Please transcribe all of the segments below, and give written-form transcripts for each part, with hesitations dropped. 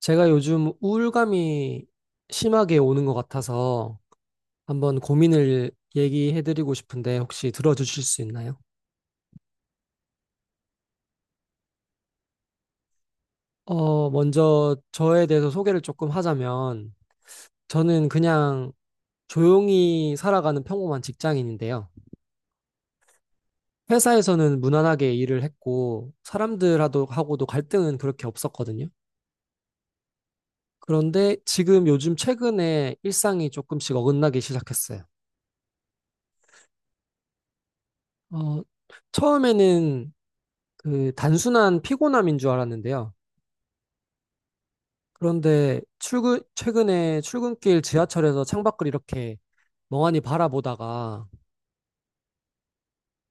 제가 요즘 우울감이 심하게 오는 것 같아서 한번 고민을 얘기해드리고 싶은데 혹시 들어주실 수 있나요? 먼저 저에 대해서 소개를 조금 하자면 저는 그냥 조용히 살아가는 평범한 직장인인데요. 회사에서는 무난하게 일을 했고 사람들하고도 하고도 갈등은 그렇게 없었거든요. 그런데 지금 요즘 최근에 일상이 조금씩 어긋나기 시작했어요. 어, 처음에는 그 단순한 피곤함인 줄 알았는데요. 그런데 최근에 출근길 지하철에서 창밖을 이렇게 멍하니 바라보다가,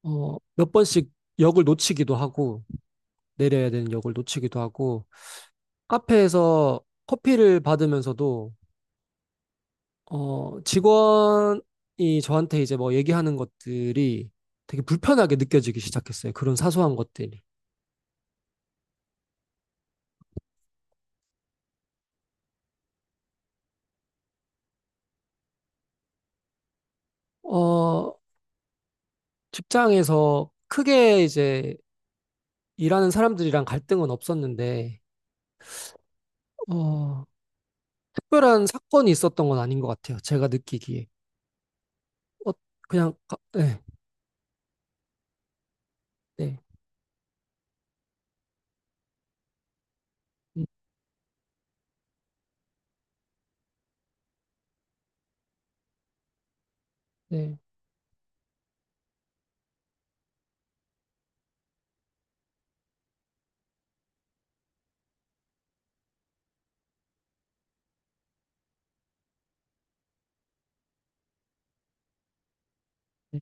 몇 번씩 역을 놓치기도 하고, 내려야 되는 역을 놓치기도 하고, 카페에서 커피를 받으면서도, 직원이 저한테 이제 뭐 얘기하는 것들이 되게 불편하게 느껴지기 시작했어요. 그런 사소한 것들이. 어, 직장에서 크게 이제 일하는 사람들이랑 갈등은 없었는데, 어, 특별한 사건이 있었던 건 아닌 것 같아요. 제가 느끼기에. 어, 네, 네, 음, 네. 네.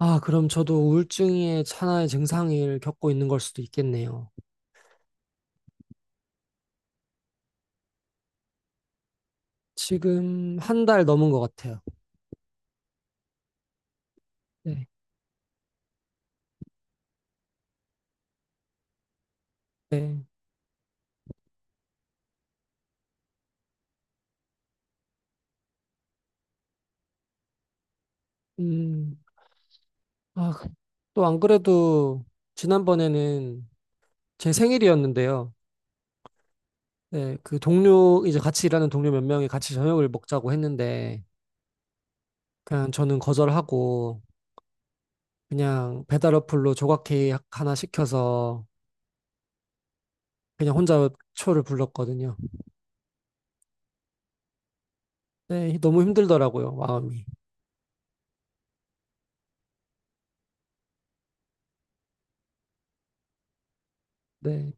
아, 그럼 저도 우울증의 하나의 증상을 겪고 있는 걸 수도 있겠네요. 지금 한 달 넘은 것 같아요. 네, 네. 음, 아, 또 안 그래도 지난번에는 제 생일이었는데요. 네, 그 동료, 이제 같이 일하는 동료 몇 명이 같이 저녁을 먹자고 했는데, 그냥 저는 거절하고, 그냥 배달 어플로 조각 케이크 하나 시켜서 그냥 혼자 초를 불렀거든요. 네, 너무 힘들더라고요, 마음이. 네,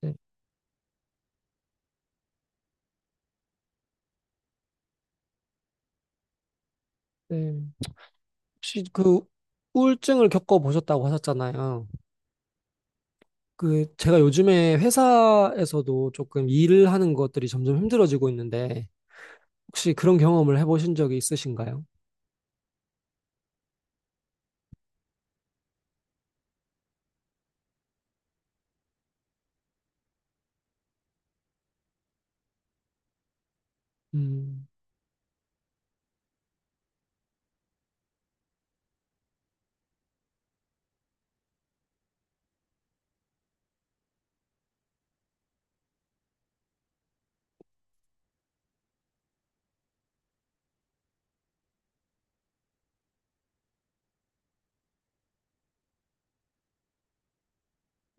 네, 네. 혹시 그 우울증을 겪어보셨다고 하셨잖아요. 그 제가 요즘에 회사에서도 조금 일을 하는 것들이 점점 힘들어지고 있는데 혹시 그런 경험을 해보신 적이 있으신가요? 음,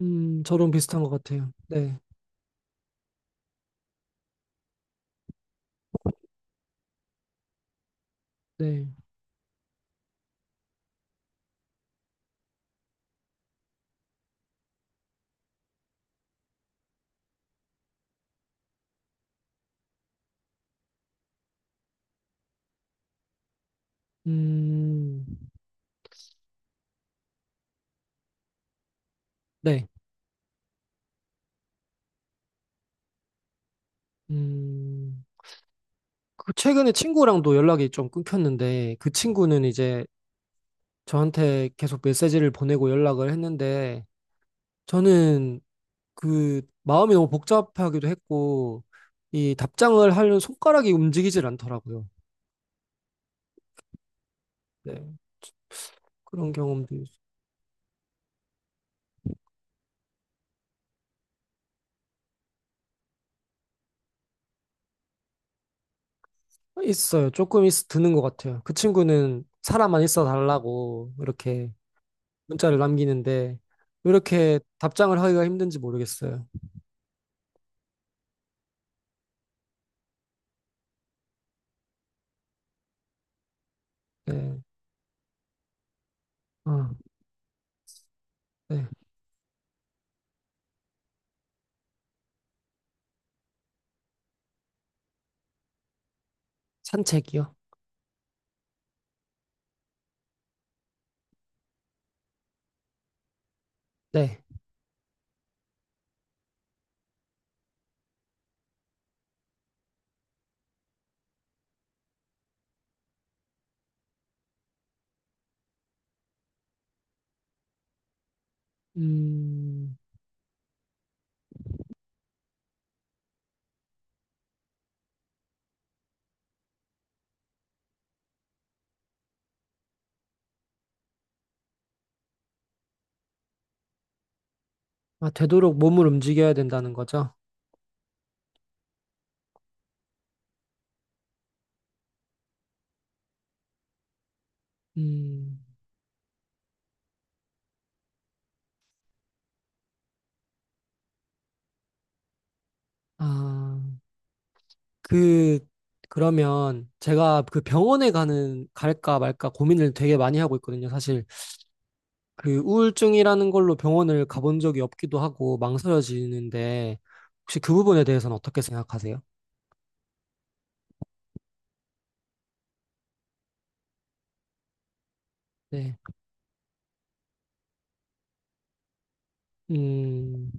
저랑 비슷한 것 같아요. 네, 네, 음, 네, 음. 그 최근에 친구랑도 연락이 좀 끊겼는데 그 친구는 이제 저한테 계속 메시지를 보내고 연락을 했는데 저는 그 마음이 너무 복잡하기도 했고 이 답장을 하려는 손가락이 움직이질 않더라고요. 네. 그런 경험도 있어요. 조금 드는 것 같아요. 그 친구는 사람만 있어 달라고 이렇게 문자를 남기는데 왜 이렇게 답장을 하기가 힘든지 모르겠어요. 네. 아, 네. 산책이요? 네. 음. 아, 되도록 몸을 움직여야 된다는 거죠? 음, 아, 그, 그러면 제가 그 병원에 가는, 갈까 말까 고민을 되게 많이 하고 있거든요, 사실. 그 우울증이라는 걸로 병원을 가본 적이 없기도 하고 망설여지는데, 혹시 그 부분에 대해서는 어떻게 생각하세요? 네. 음,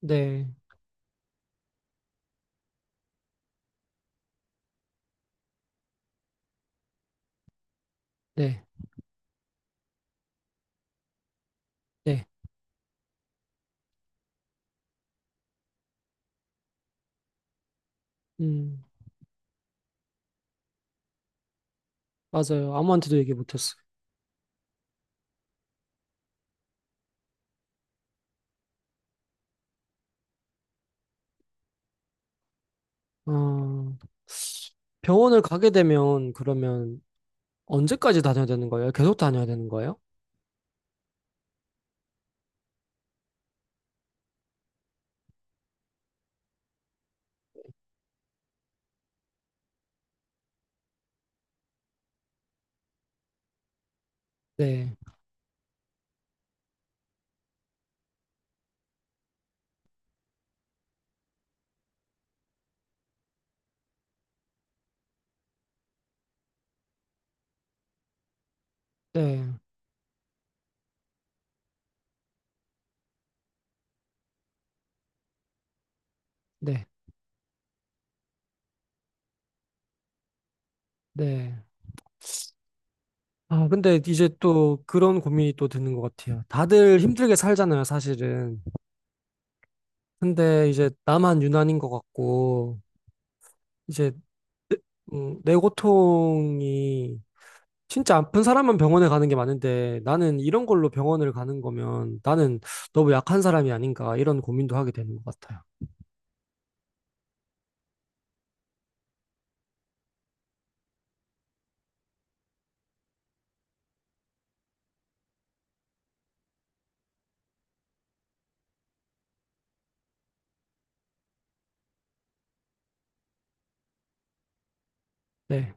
네, 네, 네. 음, 맞아요. 아무한테도 얘기 못했어요. 어, 병원을 가게 되면 그러면 언제까지 다녀야 되는 거예요? 계속 다녀야 되는 거예요? 네. 네, 네, 네. 아, 근데 이제 또 그런 고민이 또 드는 것 같아요. 다들 힘들게 살잖아요, 사실은. 근데 이제 나만 유난인 것 같고, 이제, 내- 내 고통이 진짜 아픈 사람만 병원에 가는 게 많은데, 나는 이런 걸로 병원을 가는 거면 나는 너무 약한 사람이 아닌가, 이런 고민도 하게 되는 것 같아요. 네,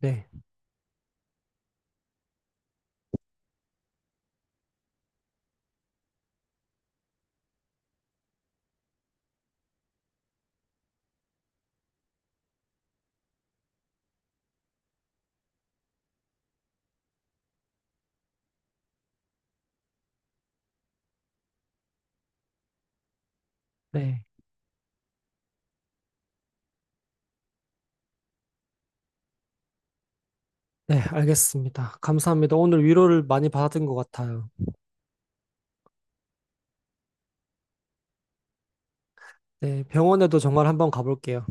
네, 네. 네, 알겠습니다. 감사합니다. 오늘 위로를 많이 받은 것 같아요. 네, 병원에도 정말 한번 가볼게요.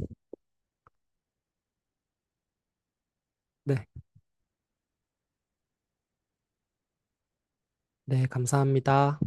네. 네, 감사합니다.